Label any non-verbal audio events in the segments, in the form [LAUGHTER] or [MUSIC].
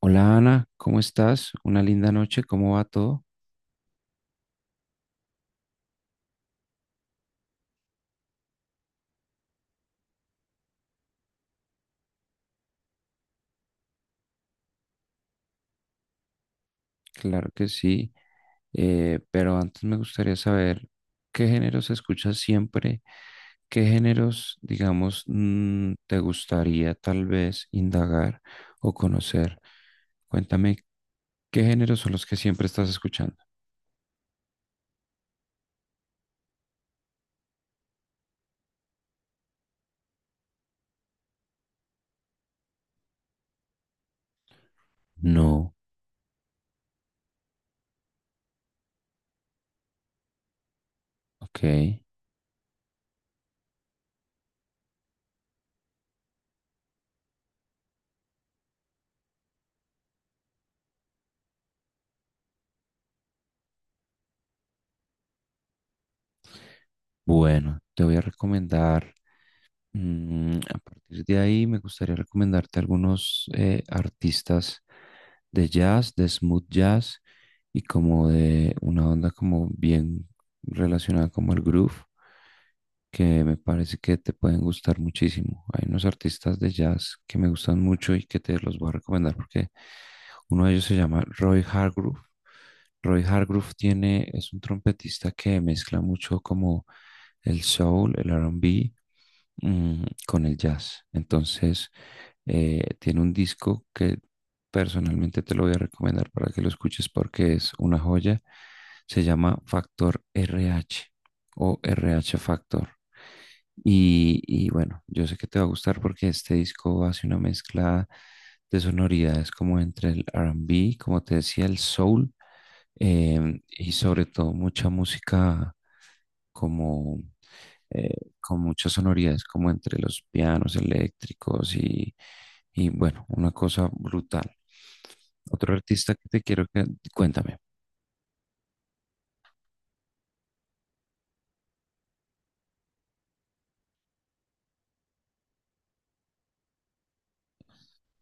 Hola Ana, ¿cómo estás? Una linda noche, ¿cómo va todo? Claro que sí, pero antes me gustaría saber qué géneros escuchas siempre, qué géneros, digamos, te gustaría tal vez indagar o conocer. Cuéntame, ¿qué géneros son los que siempre estás escuchando? No, ok, bueno, te voy a recomendar. A partir de ahí me gustaría recomendarte algunos artistas de jazz, de smooth jazz y como de una onda como bien relacionada como el groove, que me parece que te pueden gustar muchísimo. Hay unos artistas de jazz que me gustan mucho y que te los voy a recomendar porque uno de ellos se llama Roy Hargrove. Roy Hargrove tiene, es un trompetista que mezcla mucho como el soul, el R&B con el jazz. Entonces, tiene un disco que personalmente te lo voy a recomendar para que lo escuches porque es una joya. Se llama Factor RH o RH Factor. Y bueno, yo sé que te va a gustar porque este disco hace una mezcla de sonoridades como entre el R&B, como te decía, el soul, y sobre todo mucha música como eh, con muchas sonoridades como entre los pianos eléctricos y, bueno, una cosa brutal. Otro artista que te quiero que, cuéntame.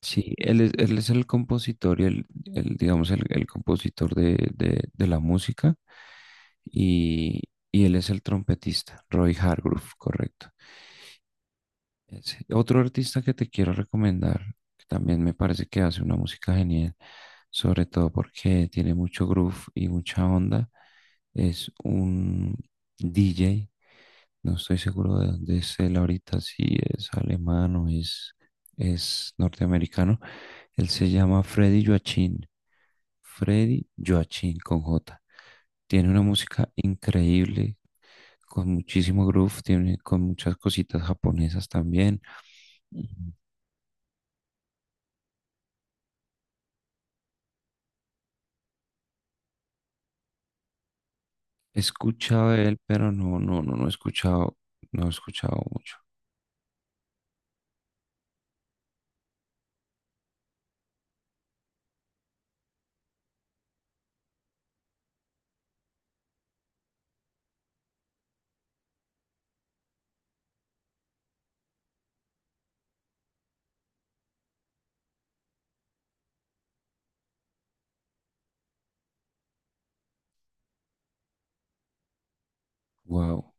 Sí, él es el compositor y digamos, el compositor de la música y, y él es el trompetista, Roy Hargrove, correcto. Otro artista que te quiero recomendar, que también me parece que hace una música genial, sobre todo porque tiene mucho groove y mucha onda, es un DJ, no estoy seguro de dónde es él ahorita, si es alemán o es norteamericano. Él se llama Freddy Joachim, Freddy Joachim con J. Tiene una música increíble, con muchísimo groove, tiene con muchas cositas japonesas también. Ujú. He escuchado de él, pero no, no, no, no he escuchado mucho. Wow.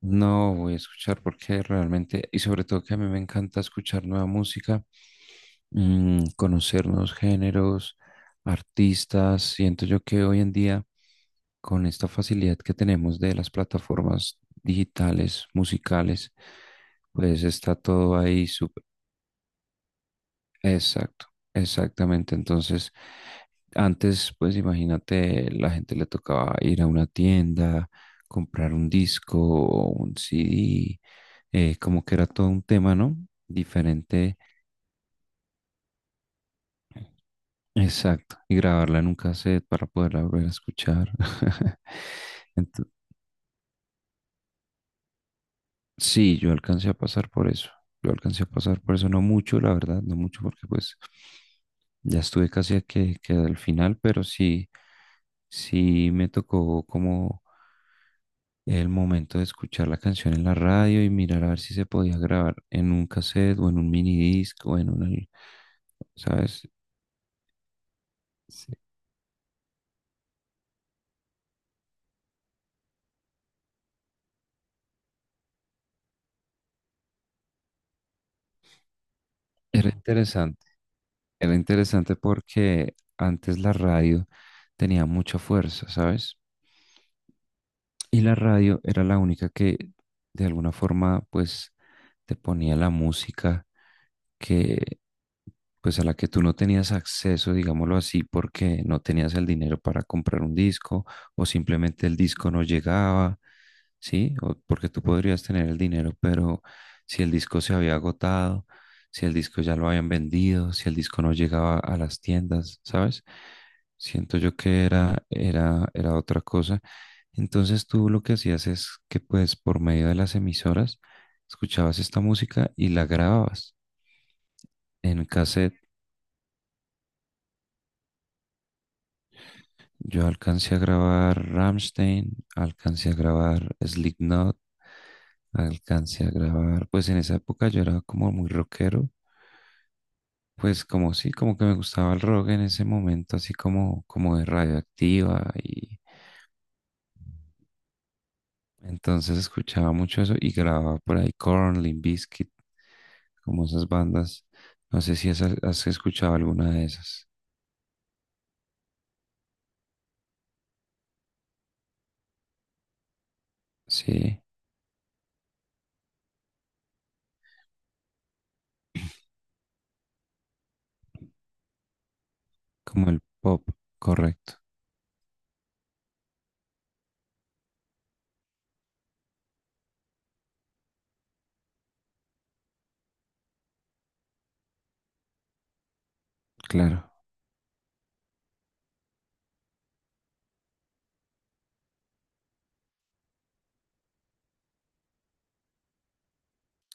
No voy a escuchar porque realmente, y sobre todo que a mí me encanta escuchar nueva música, conocer nuevos géneros, artistas. Siento yo que hoy en día, con esta facilidad que tenemos de las plataformas digitales, musicales, pues está todo ahí. Exacto, exactamente. Entonces, antes, pues imagínate, la gente le tocaba ir a una tienda, comprar un disco o un CD, como que era todo un tema, ¿no? Diferente, exacto, y grabarla en un cassette para poderla volver a escuchar. [LAUGHS] Ento- sí, yo alcancé a pasar por eso. Yo alcancé a pasar por eso, no mucho, la verdad, no mucho, porque pues ya estuve casi a que, al final, pero sí. Sí, me tocó como el momento de escuchar la canción en la radio y mirar a ver si se podía grabar en un cassette o en un minidisc o en un, ¿sabes? Sí. Era interesante, era interesante porque antes la radio tenía mucha fuerza, ¿sabes? Y la radio era la única que de alguna forma pues te ponía la música pues a la que tú no tenías acceso, digámoslo así, porque no tenías el dinero para comprar un disco o simplemente el disco no llegaba, ¿sí? O porque tú podrías tener el dinero, pero si el disco se había agotado, si el disco ya lo habían vendido, si el disco no llegaba a las tiendas, ¿sabes? Siento yo que era otra cosa. Entonces tú lo que hacías es que pues por medio de las emisoras escuchabas esta música y la grababas en cassette. Yo alcancé a grabar Rammstein, alcancé a grabar Slipknot, alcancé a grabar, pues en esa época yo era como muy rockero, pues como sí, como que me gustaba el rock en ese momento, así como de Radioactiva y entonces escuchaba mucho eso y grababa por ahí Korn, Limp Bizkit, como esas bandas. No sé si has escuchado alguna de esas. Sí, como el pop, correcto. Claro,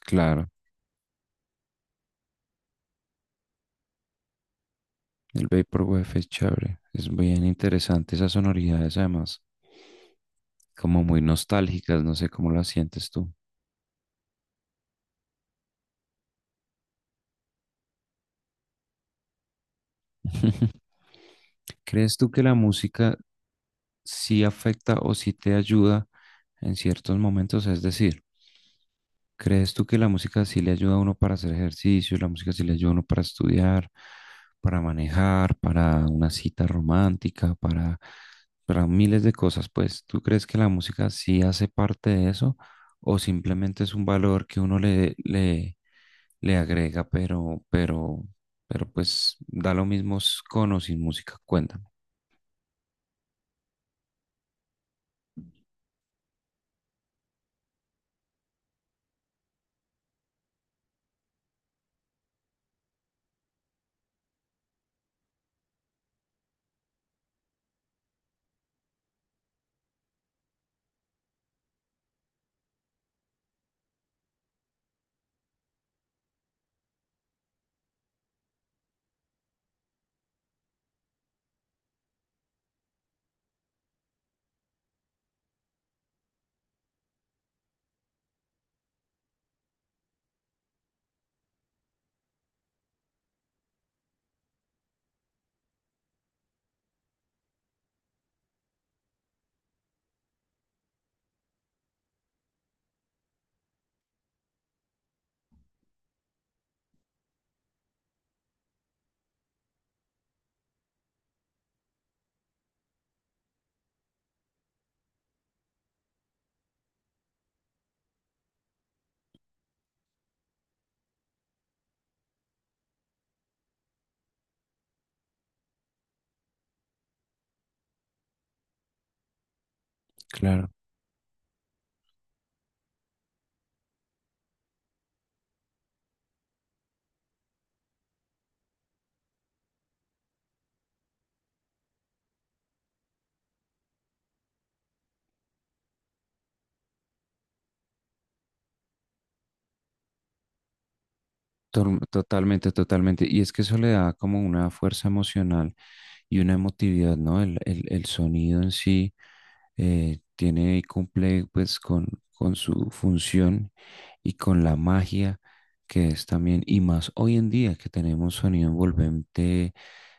claro. El Vaporwave es chévere, es bien interesante esas sonoridades además, como muy nostálgicas, no sé cómo las sientes tú. [LAUGHS] ¿Crees tú que la música sí afecta o sí te ayuda en ciertos momentos? Es decir, ¿crees tú que la música sí le ayuda a uno para hacer ejercicio, la música sí le ayuda a uno para estudiar, para manejar, para una cita romántica, para miles de cosas? Pues, ¿tú crees que la música sí hace parte de eso o simplemente es un valor que uno le agrega, pero pues da lo mismo con o sin música? Cuéntame. Claro. Totalmente, totalmente. Y es que eso le da como una fuerza emocional y una emotividad, ¿no? El sonido en sí tiene y cumple pues con su función y con la magia que es también, y más hoy en día que tenemos sonido envolvente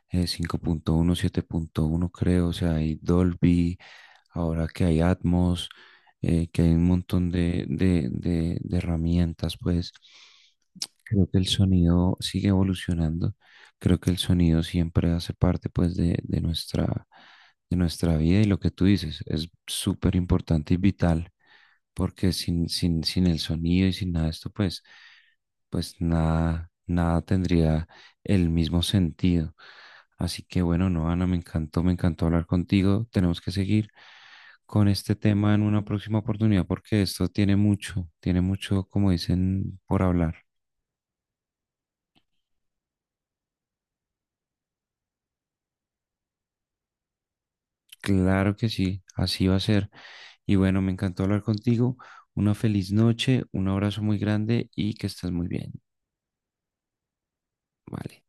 5.1 7.1 creo, o sea, hay Dolby, ahora que hay Atmos, que hay un montón de herramientas, pues. Creo que el sonido sigue evolucionando. Creo que el sonido siempre hace parte pues de nuestra vida y lo que tú dices es súper importante y vital porque sin el sonido y sin nada de esto pues, nada, nada tendría el mismo sentido. Así que bueno, no, Ana, me encantó hablar contigo. Tenemos que seguir con este tema en una próxima oportunidad porque esto tiene mucho, como dicen, por hablar. Claro que sí, así va a ser. Y bueno, me encantó hablar contigo. Una feliz noche, un abrazo muy grande y que estés muy bien. Vale.